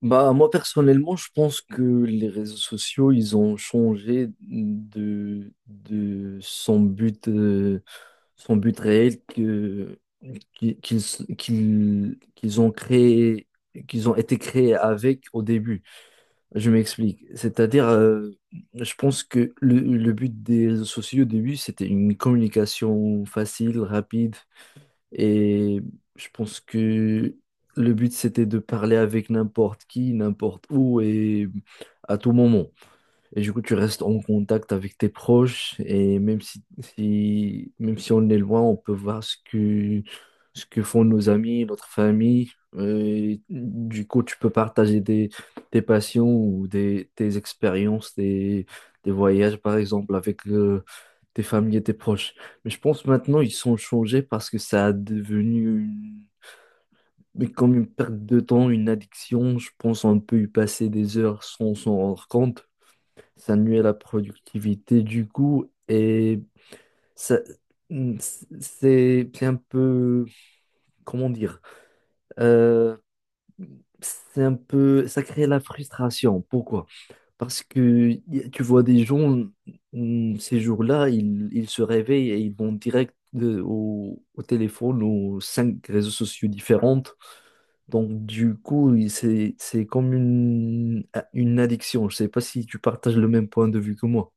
Bah, moi, personnellement, je pense que les réseaux sociaux, ils ont changé de son but réel que, qui- qu'ils, qu'ils, qu'ils ont créé, qu'ils ont été créés avec au début. Je m'explique. C'est-à-dire, je pense que le but des réseaux sociaux au début, c'était une communication facile, rapide, et je pense que le but, c'était de parler avec n'importe qui, n'importe où et à tout moment. Et du coup, tu restes en contact avec tes proches et même même si on est loin, on peut voir ce que font nos amis, notre famille. Et du coup, tu peux partager tes passions ou tes expériences, des voyages, par exemple, avec tes familles et tes proches. Mais je pense maintenant, ils sont changés parce que ça a devenu mais comme une perte de temps, une addiction. Je pense on peut y passer des heures sans s'en rendre compte. Ça nuit à la productivité du coup et ça, c'est un peu, comment dire, euh, c'est un peu, ça crée la frustration. Pourquoi? Parce que y tu vois des gens, ces jours-là, ils se réveillent et ils vont direct au téléphone, aux cinq réseaux sociaux différents. Donc, du coup, c'est comme une addiction. Je sais pas si tu partages le même point de vue que moi.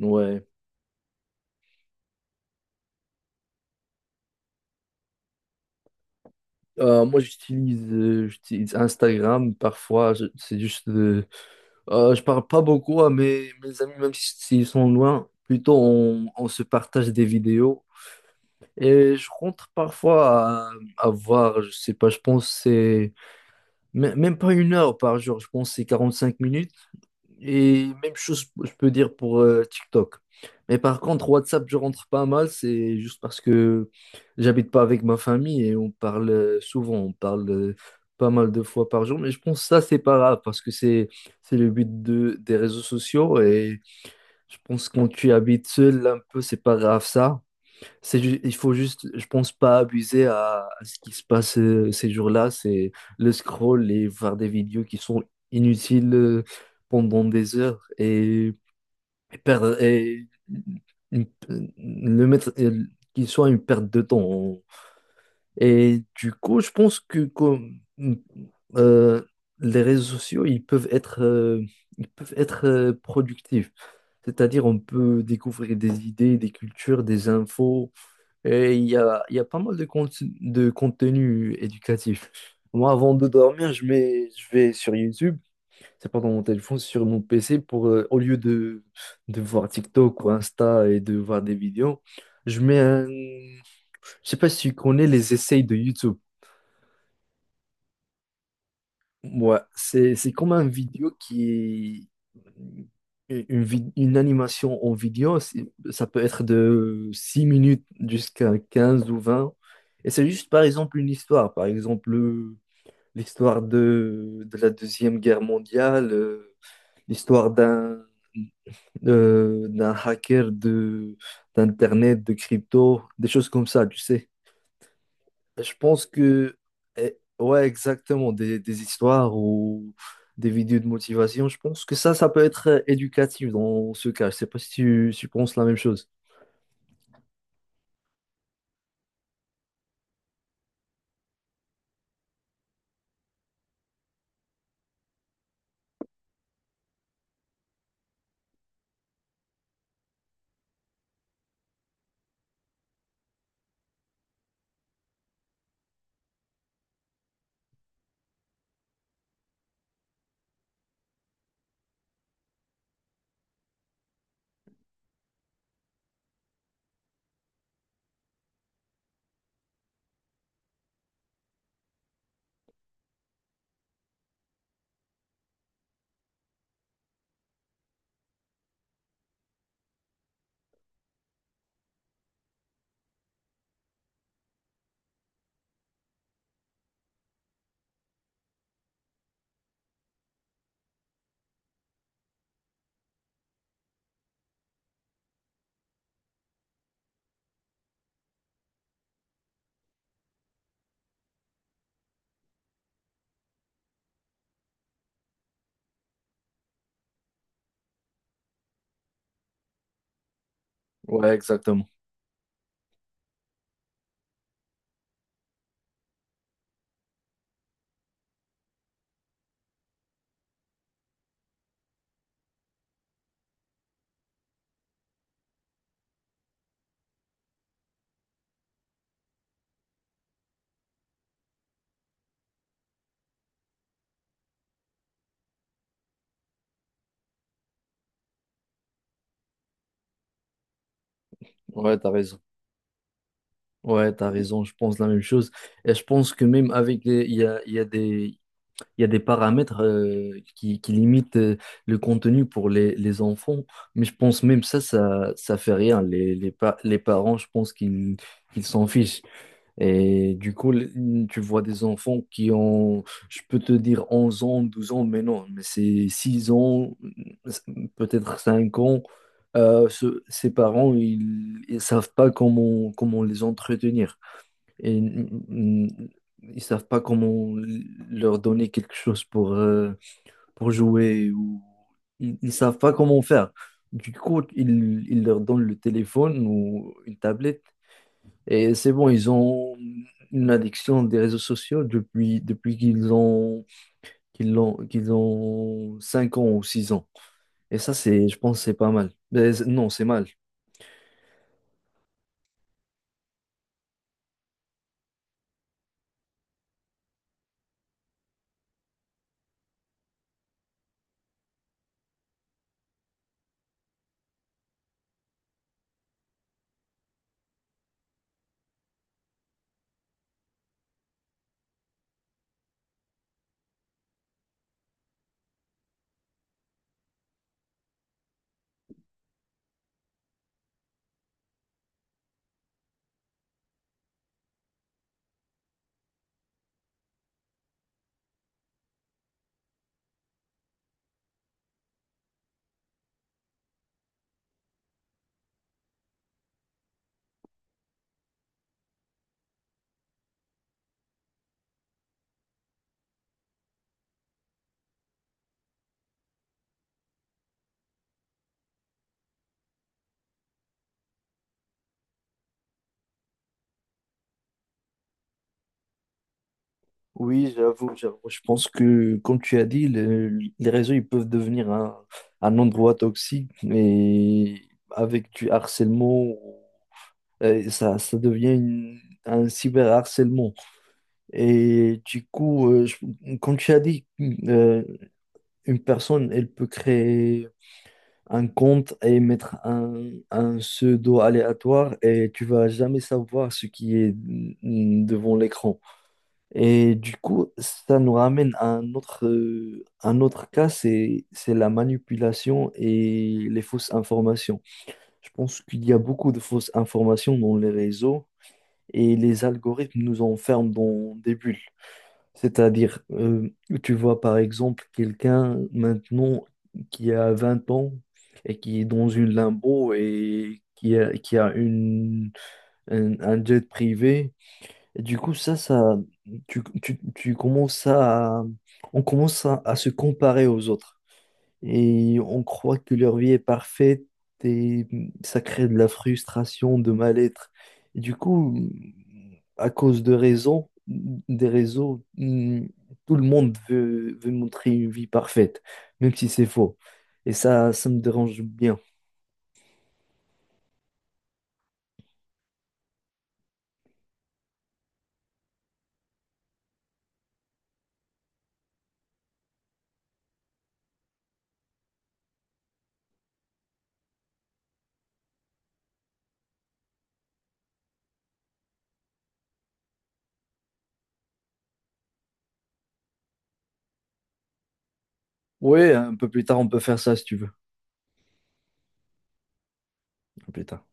Ouais. Moi, j'utilise Instagram. Parfois, c'est juste. Je parle pas beaucoup à mes amis, même s'ils sont loin. Plutôt, on se partage des vidéos. Et je rentre parfois à voir, je sais pas, je pense que c'est même pas 1 heure par jour, je pense que c'est 5 minutes. Et même chose, je peux dire pour TikTok. Mais par contre, WhatsApp, je rentre pas mal, c'est juste parce que j'habite pas avec ma famille et on parle souvent, on parle pas mal de fois par jour. Mais je pense que ça, c'est pas grave parce que c'est le but des réseaux sociaux et je pense que quand tu habites seul un peu, c'est pas grave ça. C'est il faut juste, je pense, pas abuser à ce qui se passe ces jours-là. C'est le scroll et voir des vidéos qui sont inutiles pendant des heures et perdre, une- le mettre, qu'il soit une perte de temps. Et du coup, je pense que euh, les réseaux sociaux, ils peuvent être productifs. C'est-à-dire, on peut découvrir des idées, des cultures, des infos et il y a pas mal de contenu éducatif. Moi, avant de dormir, je mets, je vais sur YouTube, c'est pas dans mon téléphone, sur mon PC, au lieu de voir TikTok ou Insta et de voir des vidéos, je mets un... Je sais pas si tu connais les essais de YouTube. Ouais, c'est comme un vidéo qui est une animation en vidéo, ça peut être de 6 minutes jusqu'à 15 ou 20. Et c'est juste par exemple une histoire, par exemple l'histoire de la Deuxième Guerre mondiale, l'histoire d'un hacker de d'Internet, de crypto, des choses comme ça, tu sais. Je pense que, ouais, exactement, des histoires ou des vidéos de motivation, je pense que ça peut être éducatif dans ce cas. Je sais pas si tu penses la même chose. Ouais, exactement. Ouais, t'as raison. Ouais, t'as raison, je pense la même chose. Et je pense que même avec il y a des paramètres qui limitent le contenu pour les enfants, mais je pense même ça fait rien. Les parents, je pense qu'ils s'en fichent. Et du coup, tu vois des enfants qui ont, je peux te dire 11 ans, 12 ans, mais non, mais c'est 6 ans, peut-être 5 ans. Ses parents, ils ne savent pas comment les entretenir. Et, ils savent pas comment leur donner quelque chose pour jouer ou ils ne savent pas comment faire. Du coup, ils leur donnent le téléphone ou une tablette et c'est bon, ils ont une addiction des réseaux sociaux depuis qu'ils ont 5 ans ou 6 ans. Et ça, c'est, je pense, que c'est pas mal. Mais non, c'est mal. Oui, j'avoue, j'avoue. Je pense que, comme tu as dit, les réseaux, ils peuvent devenir un endroit toxique et avec du harcèlement, ça devient un cyberharcèlement. Et du coup, comme tu as dit, euh, une personne, elle peut créer un compte et mettre un pseudo aléatoire et tu vas jamais savoir ce qui est devant l'écran. Et du coup, ça nous ramène à un autre cas, c'est la manipulation et les fausses informations. Je pense qu'il y a beaucoup de fausses informations dans les réseaux et les algorithmes nous enferment dans des bulles. C'est-à-dire, tu vois par exemple quelqu'un maintenant qui a 20 ans et qui est dans une limbo et qui a un jet privé. Et du coup, ça, tu commences à, on commence à se comparer aux autres et on croit que leur vie est parfaite et ça crée de la frustration, de mal-être. Et du coup, à cause de raisons, des réseaux, tout le monde veut montrer une vie parfaite, même si c'est faux. Et ça me dérange bien. Oui, un peu plus tard, on peut faire ça si tu veux. Un peu plus tard.